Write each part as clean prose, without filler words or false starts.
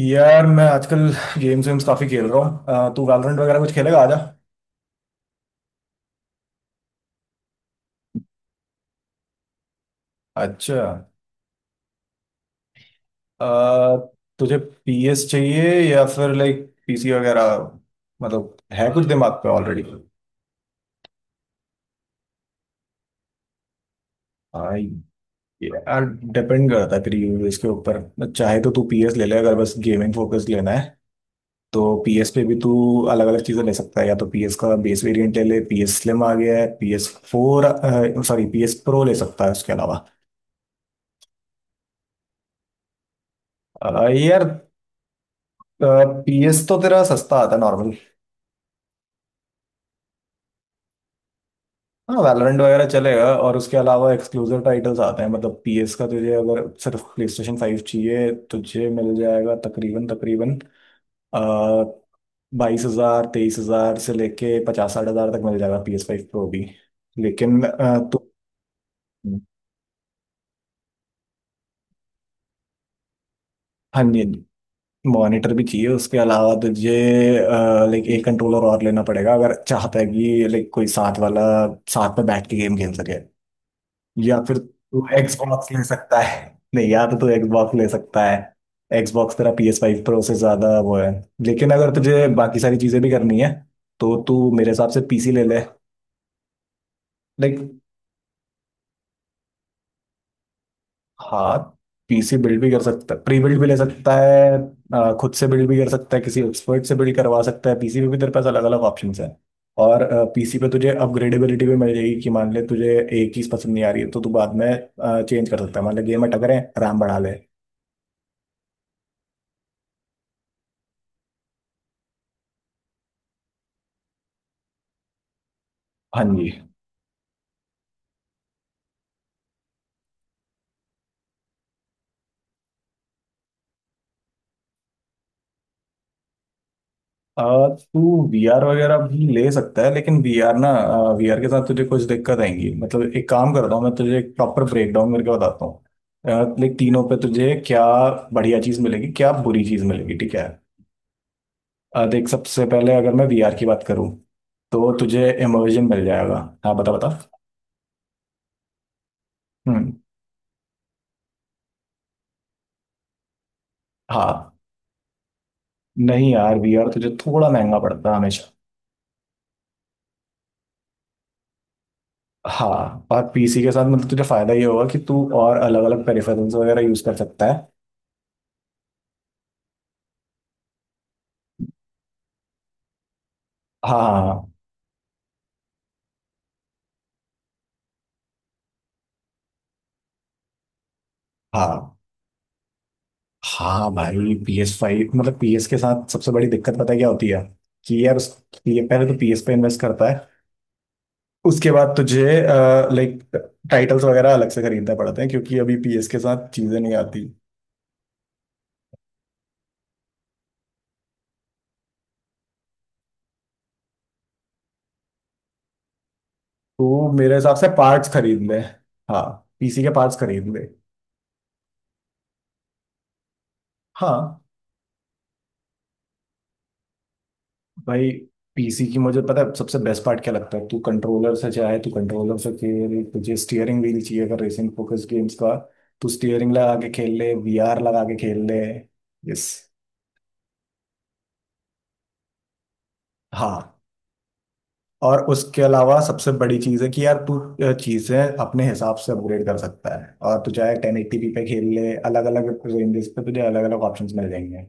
यार, मैं आजकल गेम्स वेम्स काफी खेल रहा हूँ। तू वैलोरेंट वगैरह कुछ खेलेगा? आजा। अच्छा। अ, तुझे पीएस चाहिए या फिर लाइक पीसी वगैरह? मतलब है कुछ दिमाग पे ऑलरेडी? हाँ। यार, डिपेंड करता है तेरी यूज के ऊपर। चाहे तो तू पीएस ले ले, अगर बस गेमिंग फोकस लेना है। तो पीएस पे भी तू अलग अलग चीजें ले सकता है। या तो पीएस का बेस वेरिएंट ले ले, पीएस स्लिम आ गया है, PS four sorry PS pro ले सकता है उसके अलावा। यार, पीएस तो तेरा सस्ता आता है नॉर्मल। हाँ, वैलोरेंट वगैरह चलेगा और उसके अलावा एक्सक्लूसिव टाइटल्स आते हैं मतलब पीएस का। तुझे अगर सिर्फ प्ले स्टेशन फाइव चाहिए, तुझे मिल जाएगा तकरीबन तकरीबन uh, 22,000 23,000 से लेके पचास साठ हजार तक मिल जाएगा, पीएस फाइव प्रो भी। लेकिन तो। हाँ जी, मॉनिटर भी चाहिए उसके अलावा तुझे। लाइक एक कंट्रोलर और लेना पड़ेगा, अगर चाहता है कि लाइक कोई साथ वाला साथ में बैठ के गेम खेल सके। या फिर तू एक्सबॉक्स ले सकता है, नहीं या तो तू एक्सबॉक्स ले सकता है। एक्सबॉक्स तेरा पी एस फाइव प्रो से ज्यादा वो है, लेकिन अगर तुझे बाकी सारी चीजें भी करनी है तो तू मेरे हिसाब से पीसी ले ले। लाइक हाँ, पीसी बिल्ड भी कर सकता है, प्री बिल्ड भी ले सकता है। खुद से बिल्ड भी कर सकता है, किसी एक्सपर्ट से बिल्ड करवा सकता है। पीसी में भी तेरे पास अलग अलग ऑप्शन है। और पीसी पे तुझे अपग्रेडेबिलिटी भी मिल जाएगी कि मान ले तुझे एक चीज पसंद नहीं आ रही है तो तू बाद में चेंज कर सकता है, मान ले गेम में टकरे रैम बढ़ा ले। हाँ जी। अ, तू वीआर वगैरह भी ले सकता है, लेकिन वीआर ना, वीआर के साथ तुझे कुछ दिक्कत आएंगी। मतलब एक काम करता हूँ, मैं तुझे एक प्रॉपर ब्रेकडाउन करके बताता हूँ। देख, तीनों पे तुझे क्या बढ़िया चीज़ मिलेगी, क्या बुरी चीज़ मिलेगी, ठीक है? देख, सबसे पहले अगर मैं वीआर की बात करूँ तो तुझे इमर्जन मिल जाएगा। हाँ, बता बता। हम्म, हाँ। नहीं यार, वीआर तुझे थोड़ा महंगा पड़ता है हमेशा। हाँ, और पीसी के साथ मतलब तुझे फायदा ये होगा कि तू और अलग अलग पेरिफेरल्स वगैरह यूज कर सकता है। हाँ हाँ, हाँ। हाँ भाई, पी एस फाइव मतलब पी एस के साथ सबसे बड़ी दिक्कत पता है क्या होती है? कि यार, उस, ये पहले तो पी एस पे इन्वेस्ट करता है, उसके बाद तुझे लाइक टाइटल्स वगैरह अलग से खरीदने पड़ते हैं क्योंकि अभी पी एस के साथ चीजें नहीं आती। तो मेरे हिसाब से पार्ट्स खरीद ले। हाँ, पीसी के पार्ट्स खरीद ले। हाँ भाई, पीसी की मुझे पता है सबसे बेस्ट पार्ट क्या लगता है? तू कंट्रोलर से, चाहे तू कंट्रोलर से खेल, तुझे स्टीयरिंग व्हील चाहिए अगर रेसिंग फोकस गेम्स का। तू स्टीयरिंग लगा के खेल ले, वीआर लगा के खेल ले। यस। हाँ, और उसके अलावा सबसे बड़ी चीज है कि यार तू चीजें अपने हिसाब से अपग्रेड कर सकता है, और तू चाहे टेन एटीपी पे खेल ले, अलग अलग रेंजेस पे तुझे अलग अलग ऑप्शंस मिल जाएंगे।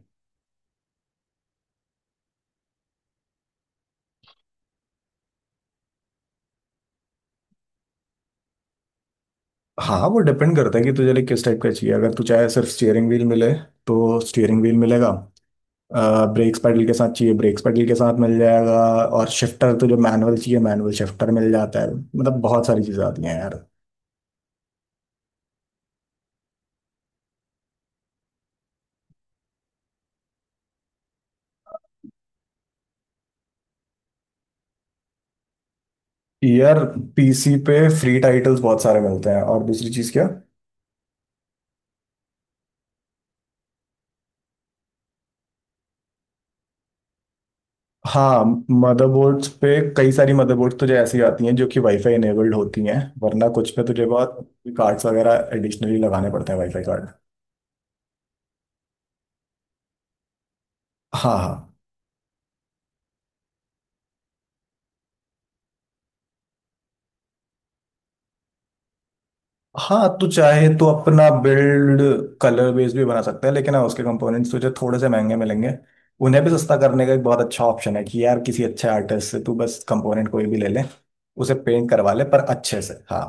हाँ, वो डिपेंड करता है कि तुझे like किस टाइप का चाहिए। अगर तू चाहे सिर्फ स्टीयरिंग व्हील मिले तो स्टीयरिंग व्हील मिलेगा। ब्रेक्स पैडल के साथ चाहिए, ब्रेक्स पैडल के साथ मिल जाएगा। और शिफ्टर तुझे मैनुअल चाहिए, मैनुअल शिफ्टर मिल जाता है। मतलब बहुत सारी चीजें आती हैं यार। यार, पीसी पे फ्री टाइटल्स बहुत सारे मिलते हैं। और दूसरी चीज क्या? हाँ, मदरबोर्ड्स पे, कई सारी मदरबोर्ड्स तुझे ऐसी आती हैं जो कि वाईफाई इनेबल्ड होती हैं। वरना कुछ पे तुझे बहुत कार्ड्स वगैरह एडिशनली लगाने पड़ते हैं, वाईफाई कार्ड। हाँ, हाँ, हाँ, तू चाहे तो अपना बिल्ड कलर बेस भी बना सकता है, लेकिन हाँ उसके कंपोनेंट्स तुझे थोड़े से महंगे मिलेंगे। उन्हें भी सस्ता करने का एक बहुत अच्छा ऑप्शन है कि यार किसी अच्छे आर्टिस्ट से तू बस कंपोनेंट कोई भी ले ले, उसे पेंट करवा ले, पर अच्छे से। हाँ।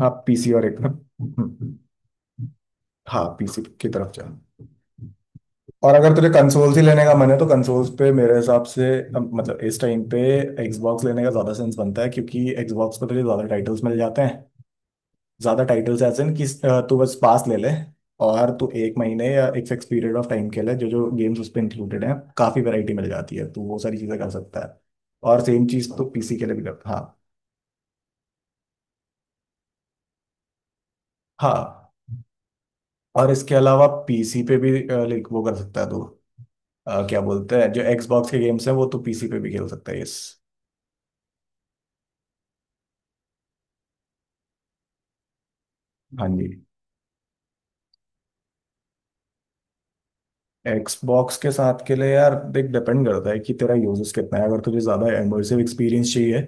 हाँ, पीसी और एक हाँ, पीसी की तरफ जा। और अगर तुझे कंसोल्स ही लेने का मन है तो कंसोल्स पे मेरे हिसाब से मतलब इस टाइम पे एक्सबॉक्स लेने का ज्यादा सेंस बनता है, क्योंकि एक्सबॉक्स पे तुझे ज्यादा टाइटल्स मिल जाते हैं। ज्यादा टाइटल्स ऐसे हैं कि तू बस पास ले ले, और तू एक महीने या एक फिक्स पीरियड ऑफ टाइम के लिए जो जो गेम्स उस पर इंक्लूडेड हैं, काफी वैरायटी मिल जाती है, तू वो सारी चीजें कर सकता है। और सेम चीज तो पीसी के लिए भी कर, हाँ। हाँ, और इसके अलावा पीसी पे भी लाइक वो कर सकता है तू। क्या बोलते हैं, जो एक्सबॉक्स के गेम्स हैं वो तू पीसी पे भी खेल सकता है। यस। हाँ जी। एक्सबॉक्स के साथ के लिए यार, देख, डिपेंड करता है कि तेरा यूजेस कितना है। अगर तुझे ज़्यादा इमर्सिव एक्सपीरियंस चाहिए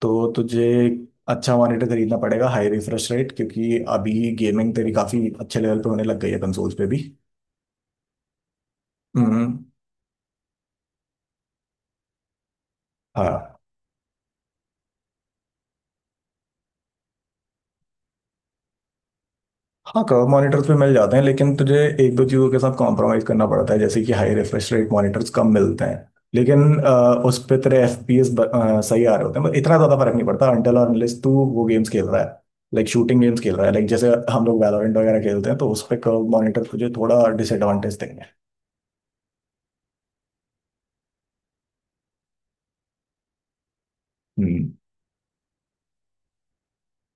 तो तुझे अच्छा मॉनिटर खरीदना पड़ेगा, हाई रिफ्रेश रेट, क्योंकि अभी गेमिंग तेरी काफ़ी अच्छे लेवल पे होने लग गई है कंसोल्स पे भी। हम्म, हाँ। हाँ, कर्व मॉनिटर्स भी मिल जाते हैं लेकिन तुझे एक दो चीज़ों के साथ कॉम्प्रोमाइज़ करना पड़ता है, जैसे कि हाई रिफ्रेश रेट मॉनिटर्स कम मिलते हैं। लेकिन उस पे तेरे एफ पी एस सही आ रहे होते हैं, मतलब इतना ज़्यादा फर्क नहीं पड़ता अनटिल और अनलेस तू वो गेम्स खेल रहा है, लाइक शूटिंग गेम्स खेल रहा है, लाइक जैसे हम लोग वैलोरेंट वगैरह खेलते हैं। तो उस पे कर्व मॉनिटर तुझे थोड़ा डिसएडवांटेज देंगे। हम्म,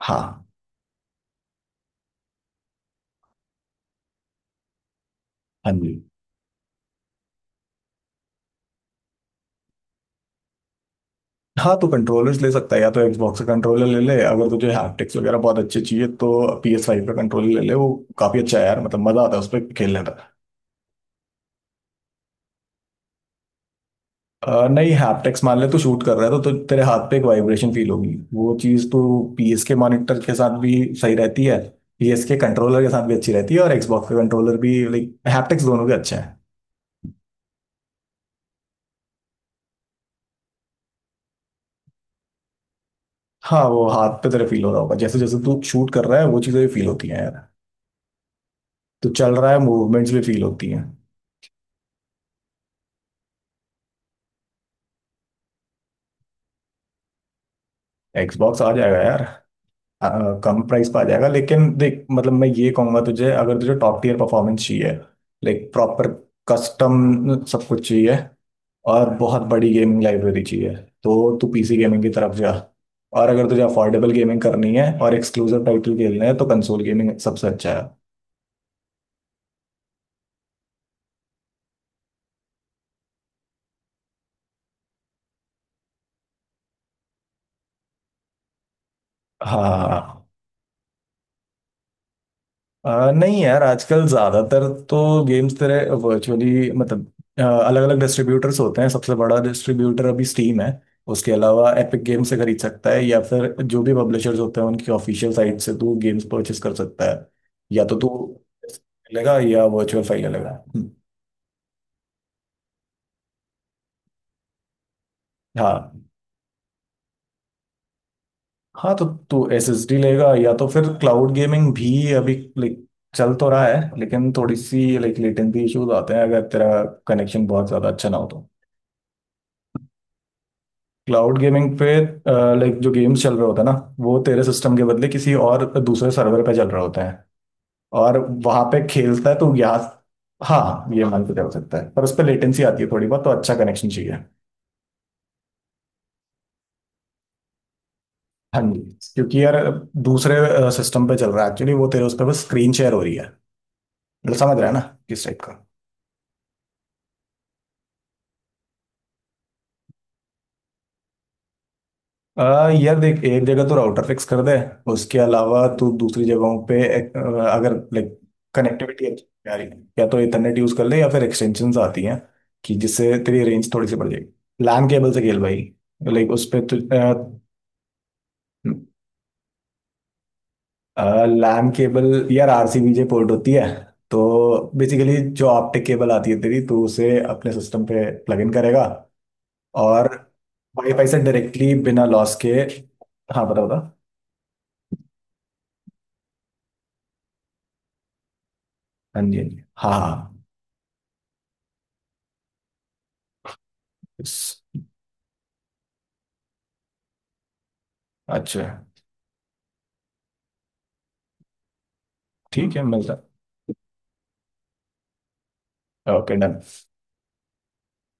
हाँ। हाँ जी। हाँ, तो कंट्रोलर्स ले सकता है, या तो Xbox का कंट्रोलर ले ले। अगर तुझे हैप्टिक्स वगैरह बहुत अच्छे चाहिए तो PS5 का कंट्रोलर ले ले, वो काफ़ी अच्छा है यार, मतलब मज़ा आता है उस पर खेलने में। नहीं, हैप्टिक्स, मान ले तो शूट कर रहा है, तो तेरे हाथ पे एक वाइब्रेशन फील होगी। वो चीज तो पीएस के मॉनिटर के साथ भी सही रहती है। पीएस के कंट्रोलर के साथ भी अच्छी रहती है, और Xbox के कंट्रोलर भी लाइक हैप्टिक्स दोनों के अच्छे हैं। हाँ, वो हाथ पे तेरे फील हो रहा होगा, जैसे जैसे तू शूट कर रहा है वो चीजें भी फील होती हैं यार। तो चल रहा है, मूवमेंट्स भी फील होती हैं। Xbox आ जाएगा यार। हाँ, कम प्राइस पर आ जाएगा, लेकिन देख, मतलब मैं ये कहूंगा तुझे, अगर तुझे टॉप टीयर परफॉर्मेंस चाहिए, लाइक प्रॉपर कस्टम सब कुछ चाहिए, और बहुत बड़ी गेमिंग लाइब्रेरी चाहिए, तो तू पीसी गेमिंग की तरफ जा। और अगर तुझे अफोर्डेबल गेमिंग करनी है और एक्सक्लूसिव टाइटल खेलने हैं, तो कंसोल गेमिंग सबसे अच्छा है। हाँ। नहीं यार, आजकल ज्यादातर तो गेम्स तेरे वर्चुअली, मतलब अलग अलग डिस्ट्रीब्यूटर्स होते हैं। सबसे बड़ा डिस्ट्रीब्यूटर अभी स्टीम है, उसके अलावा एपिक गेम से खरीद सकता है या फिर जो भी पब्लिशर्स होते हैं उनकी ऑफिशियल साइट से तू गेम्स परचेस कर सकता है। या तो तू लेगा या वर्चुअल फाइल लेगा। हम्म, हाँ। हाँ, तो तू एसएसडी लेगा या तो फिर क्लाउड गेमिंग भी अभी लाइक चल तो रहा है, लेकिन थोड़ी सी लाइक लेटेंसी इश्यूज आते हैं अगर तेरा कनेक्शन बहुत ज्यादा अच्छा ना हो तो। क्लाउड गेमिंग पे, लाइक जो गेम्स चल रहे होते हैं ना, वो तेरे सिस्टम के बदले किसी और दूसरे सर्वर पे चल रहे होते हैं, और वहां पे खेलता है तो यहाँ। हाँ, ये मान के चल सकता है पर उस पर लेटेंसी आती है थोड़ी बहुत, तो अच्छा कनेक्शन चाहिए। हाँ जी, क्योंकि यार दूसरे सिस्टम पे चल रहा है एक्चुअली, वो तेरे उस पर बस स्क्रीन शेयर हो रही है। मतलब समझ रहा है ना किस टाइप का? यार देख, एक जगह तो राउटर फिक्स कर दे। उसके अलावा तू दूसरी जगहों पे अगर लाइक कनेक्टिविटी अच्छी नहीं आ रही है, या तो इथरनेट यूज कर ले या फिर एक्सटेंशंस आती हैं कि जिससे तेरी रेंज थोड़ी सी बढ़ जाएगी। लैन केबल से खेल भाई। लाइक, उस पे तो। लैन केबल यार, आरसीबी पोर्ट होती है। तो बेसिकली जो ऑप्टिक केबल आती है तेरी, तो उसे अपने सिस्टम पे प्लग इन करेगा, और वाईफाई से डायरेक्टली बिना लॉस के। हाँ, बता बता। हाँ जी, हाँ जी, हाँ, हाँ। अच्छा ठीक है, मिलता है, ओके डन।